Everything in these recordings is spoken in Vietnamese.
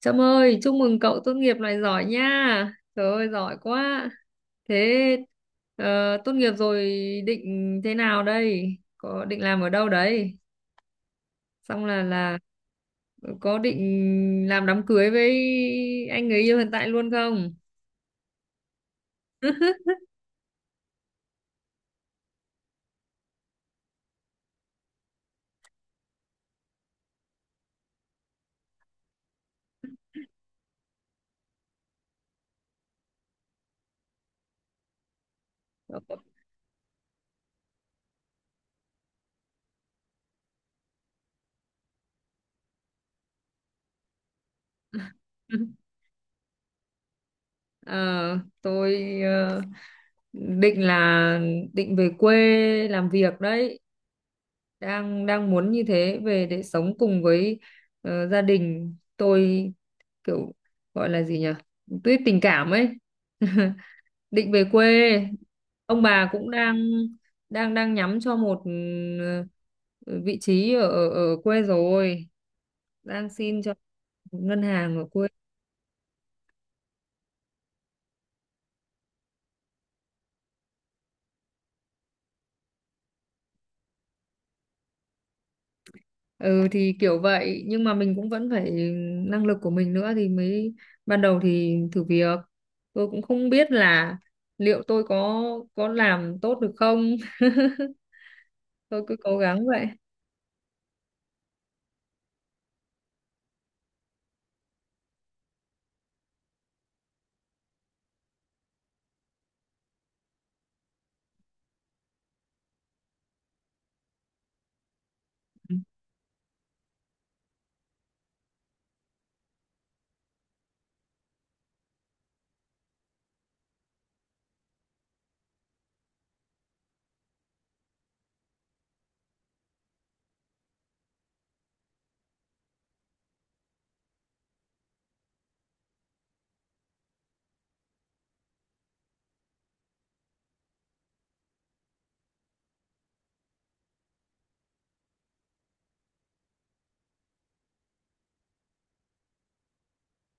Trâm ơi, chúc mừng cậu tốt nghiệp này giỏi nha. Trời ơi, giỏi quá. Thế ờ, tốt nghiệp rồi định thế nào đây? Có định làm ở đâu đấy? Xong là có định làm đám cưới với anh người yêu hiện tại luôn không? Ờ, tôi ờ, định là định về quê làm việc đấy. Đang đang muốn như thế về để sống cùng với gia đình. Tôi kiểu gọi là gì nhỉ, tuy tình cảm ấy. Định về quê, ông bà cũng đang đang đang nhắm cho một, ừ, vị trí ở ở ở quê rồi, đang xin cho một ngân hàng ở quê. Ừ thì kiểu vậy, nhưng mà mình cũng vẫn phải năng lực của mình nữa thì mới, ban đầu thì thử việc, tôi cũng không biết là liệu tôi có làm tốt được không. Tôi cứ cố gắng vậy.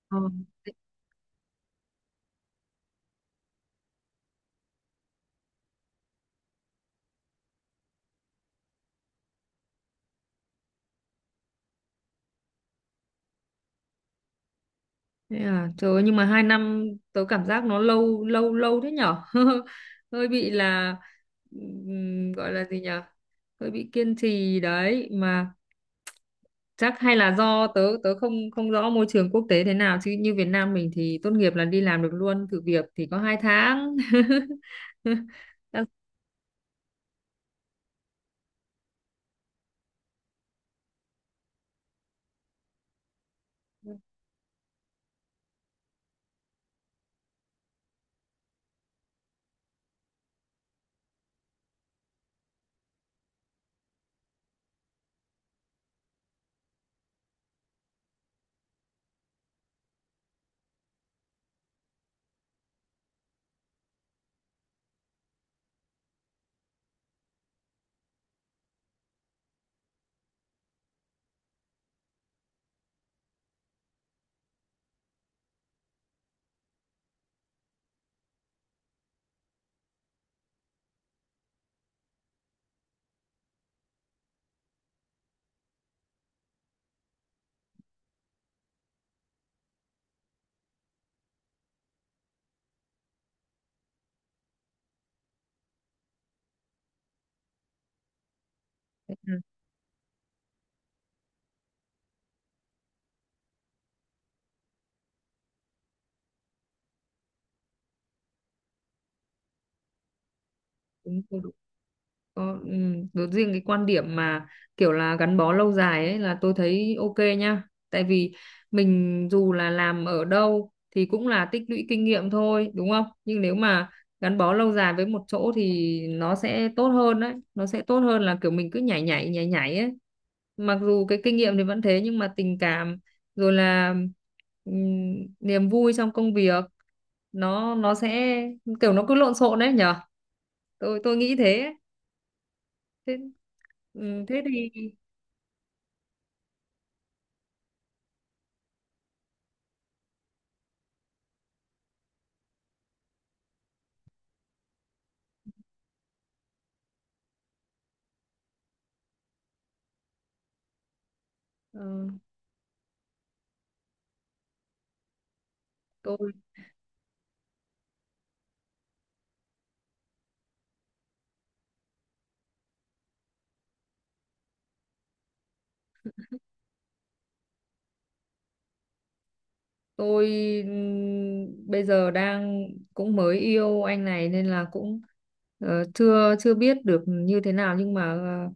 Ờ. Thế à, trời ơi, nhưng mà hai năm tớ cảm giác nó lâu lâu lâu thế nhở. Hơi bị là, gọi là gì nhở, hơi bị kiên trì đấy mà. Chắc hay là do tớ tớ không không rõ môi trường quốc tế thế nào, chứ như Việt Nam mình thì tốt nghiệp là đi làm được luôn, thử việc thì có hai tháng. Chắc thế. Đúng rồi, đúng. Có, ừ, đối riêng cái quan điểm mà kiểu là gắn bó lâu dài ấy là tôi thấy ok nha. Tại vì mình dù là làm ở đâu thì cũng là tích lũy kinh nghiệm thôi, đúng không? Nhưng nếu mà gắn bó lâu dài với một chỗ thì nó sẽ tốt hơn đấy. Nó sẽ tốt hơn là kiểu mình cứ nhảy nhảy nhảy nhảy ấy. Mặc dù cái kinh nghiệm thì vẫn thế, nhưng mà tình cảm rồi là, niềm vui trong công việc, nó sẽ kiểu nó cứ lộn xộn đấy nhở. Tôi nghĩ thế. Thế, ừ, thế thì ờ, tôi tôi bây giờ đang cũng mới yêu anh này nên là cũng chưa chưa biết được như thế nào, nhưng mà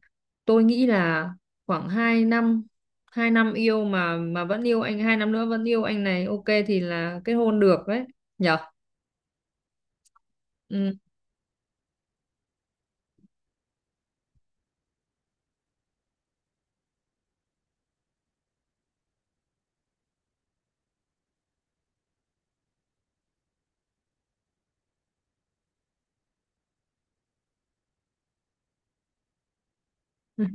tôi nghĩ là khoảng 2 năm, 2 năm yêu mà vẫn yêu anh, 2 năm nữa vẫn yêu anh này ok thì là kết hôn được đấy nhở. Ừ.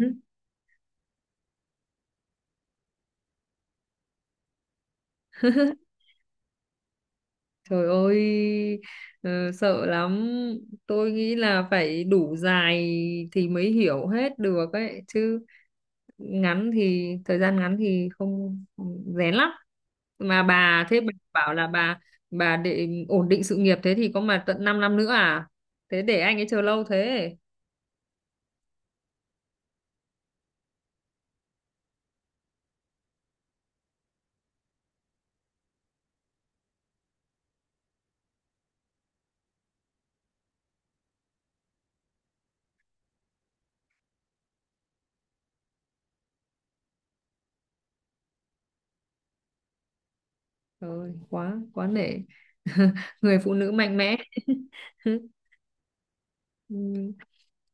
Trời ơi, ờ, sợ lắm. Tôi nghĩ là phải đủ dài thì mới hiểu hết được ấy, chứ ngắn thì thời gian ngắn thì không rén lắm. Mà bà thế bà bảo là bà để ổn định sự nghiệp thế thì có mà tận 5 năm nữa à? Thế để anh ấy chờ lâu thế. Trời ơi, quá quá nể. Người phụ nữ mạnh mẽ. Ừm,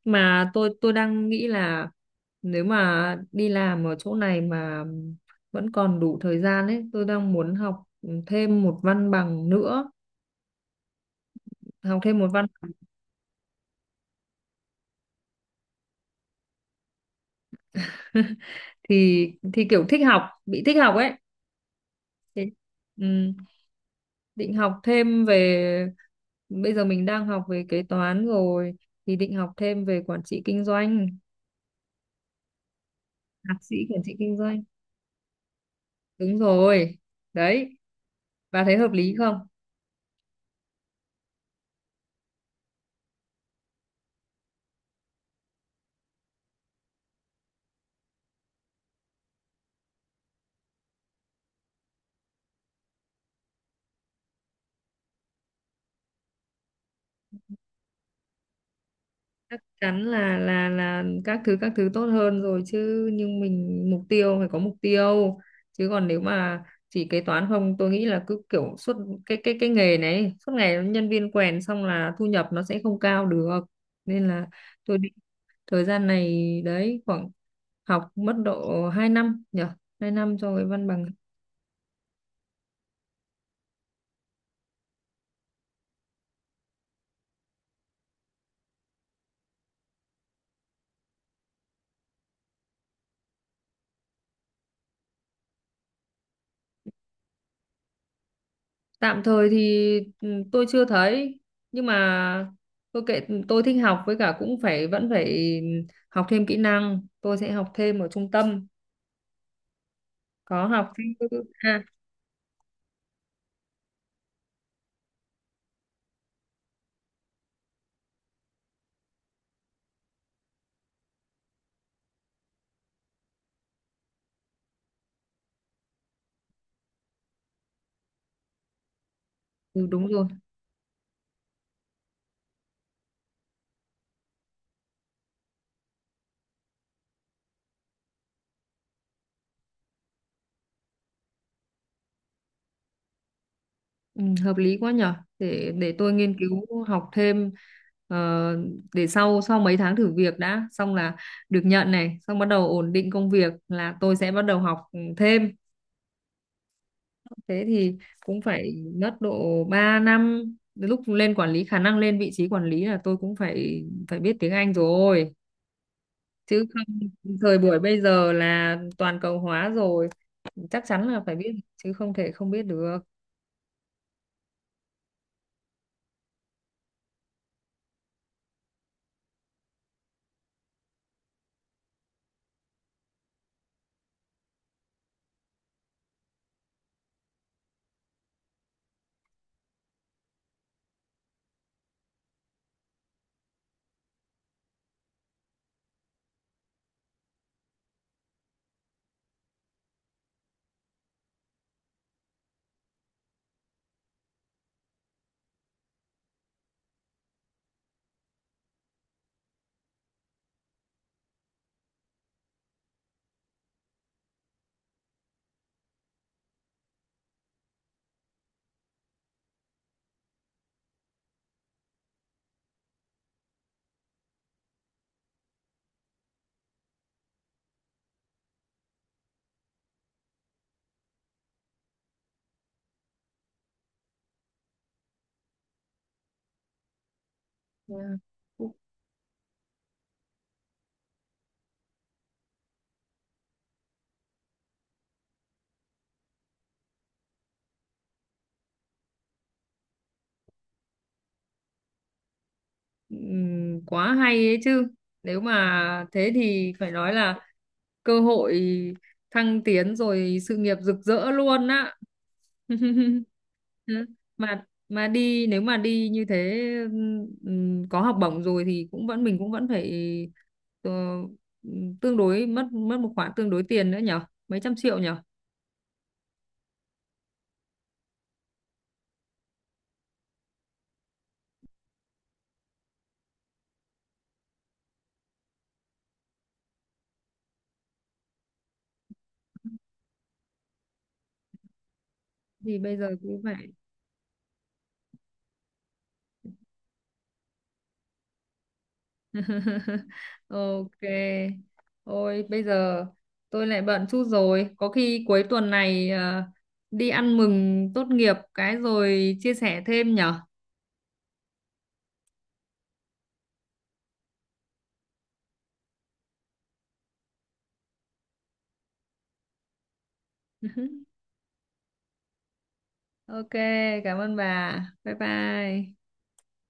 mà tôi đang nghĩ là nếu mà đi làm ở chỗ này mà vẫn còn đủ thời gian ấy, tôi đang muốn học thêm một văn bằng nữa, học thêm một văn bằng. thì thì kiểu thích học, bị thích học ấy. Thế, ừm, định học thêm về, bây giờ mình đang học về kế toán rồi thì định học thêm về quản trị kinh doanh, thạc sĩ quản trị kinh doanh. Đúng rồi. Đấy, bà thấy hợp lý không? Chắc chắn là là các thứ, các thứ tốt hơn rồi chứ, nhưng mình mục tiêu phải có mục tiêu, chứ còn nếu mà chỉ kế toán không, tôi nghĩ là cứ kiểu suốt cái nghề này suốt ngày nhân viên quèn, xong là thu nhập nó sẽ không cao được, nên là tôi định thời gian này đấy khoảng học mất độ 2 năm nhở, 2 năm cho cái văn bằng. Tạm thời thì, ừ, tôi chưa thấy, nhưng mà tôi kệ, tôi thích học với cả cũng phải vẫn phải học thêm kỹ năng, tôi sẽ học thêm ở trung tâm, có học thêm, à, ừ, đúng rồi. Ừ, hợp lý quá nhở, để tôi nghiên cứu học thêm. ờ, để sau, sau mấy tháng thử việc đã xong là được nhận này, xong bắt đầu ổn định công việc là tôi sẽ bắt đầu học thêm. Thế thì cũng phải mất độ 3 năm. Lúc lên quản lý, khả năng lên vị trí quản lý là tôi cũng phải phải biết tiếng Anh rồi, chứ không thời buổi bây giờ là toàn cầu hóa rồi, chắc chắn là phải biết chứ không thể không biết được. Quá hay ấy chứ, nếu mà thế thì phải nói là cơ hội thăng tiến rồi sự nghiệp rực rỡ luôn á. Ừ, mà đi, nếu mà đi như thế, có học bổng rồi thì cũng vẫn, mình cũng vẫn phải ờ, tương đối, mất mất một khoản tương đối tiền nữa nhở, mấy trăm triệu nhở. Thì bây giờ cũng phải. Ok. Ôi bây giờ tôi lại bận chút rồi. Có khi cuối tuần này đi ăn mừng tốt nghiệp cái rồi chia sẻ thêm nhở. Ok, cảm ơn bà. Bye bye.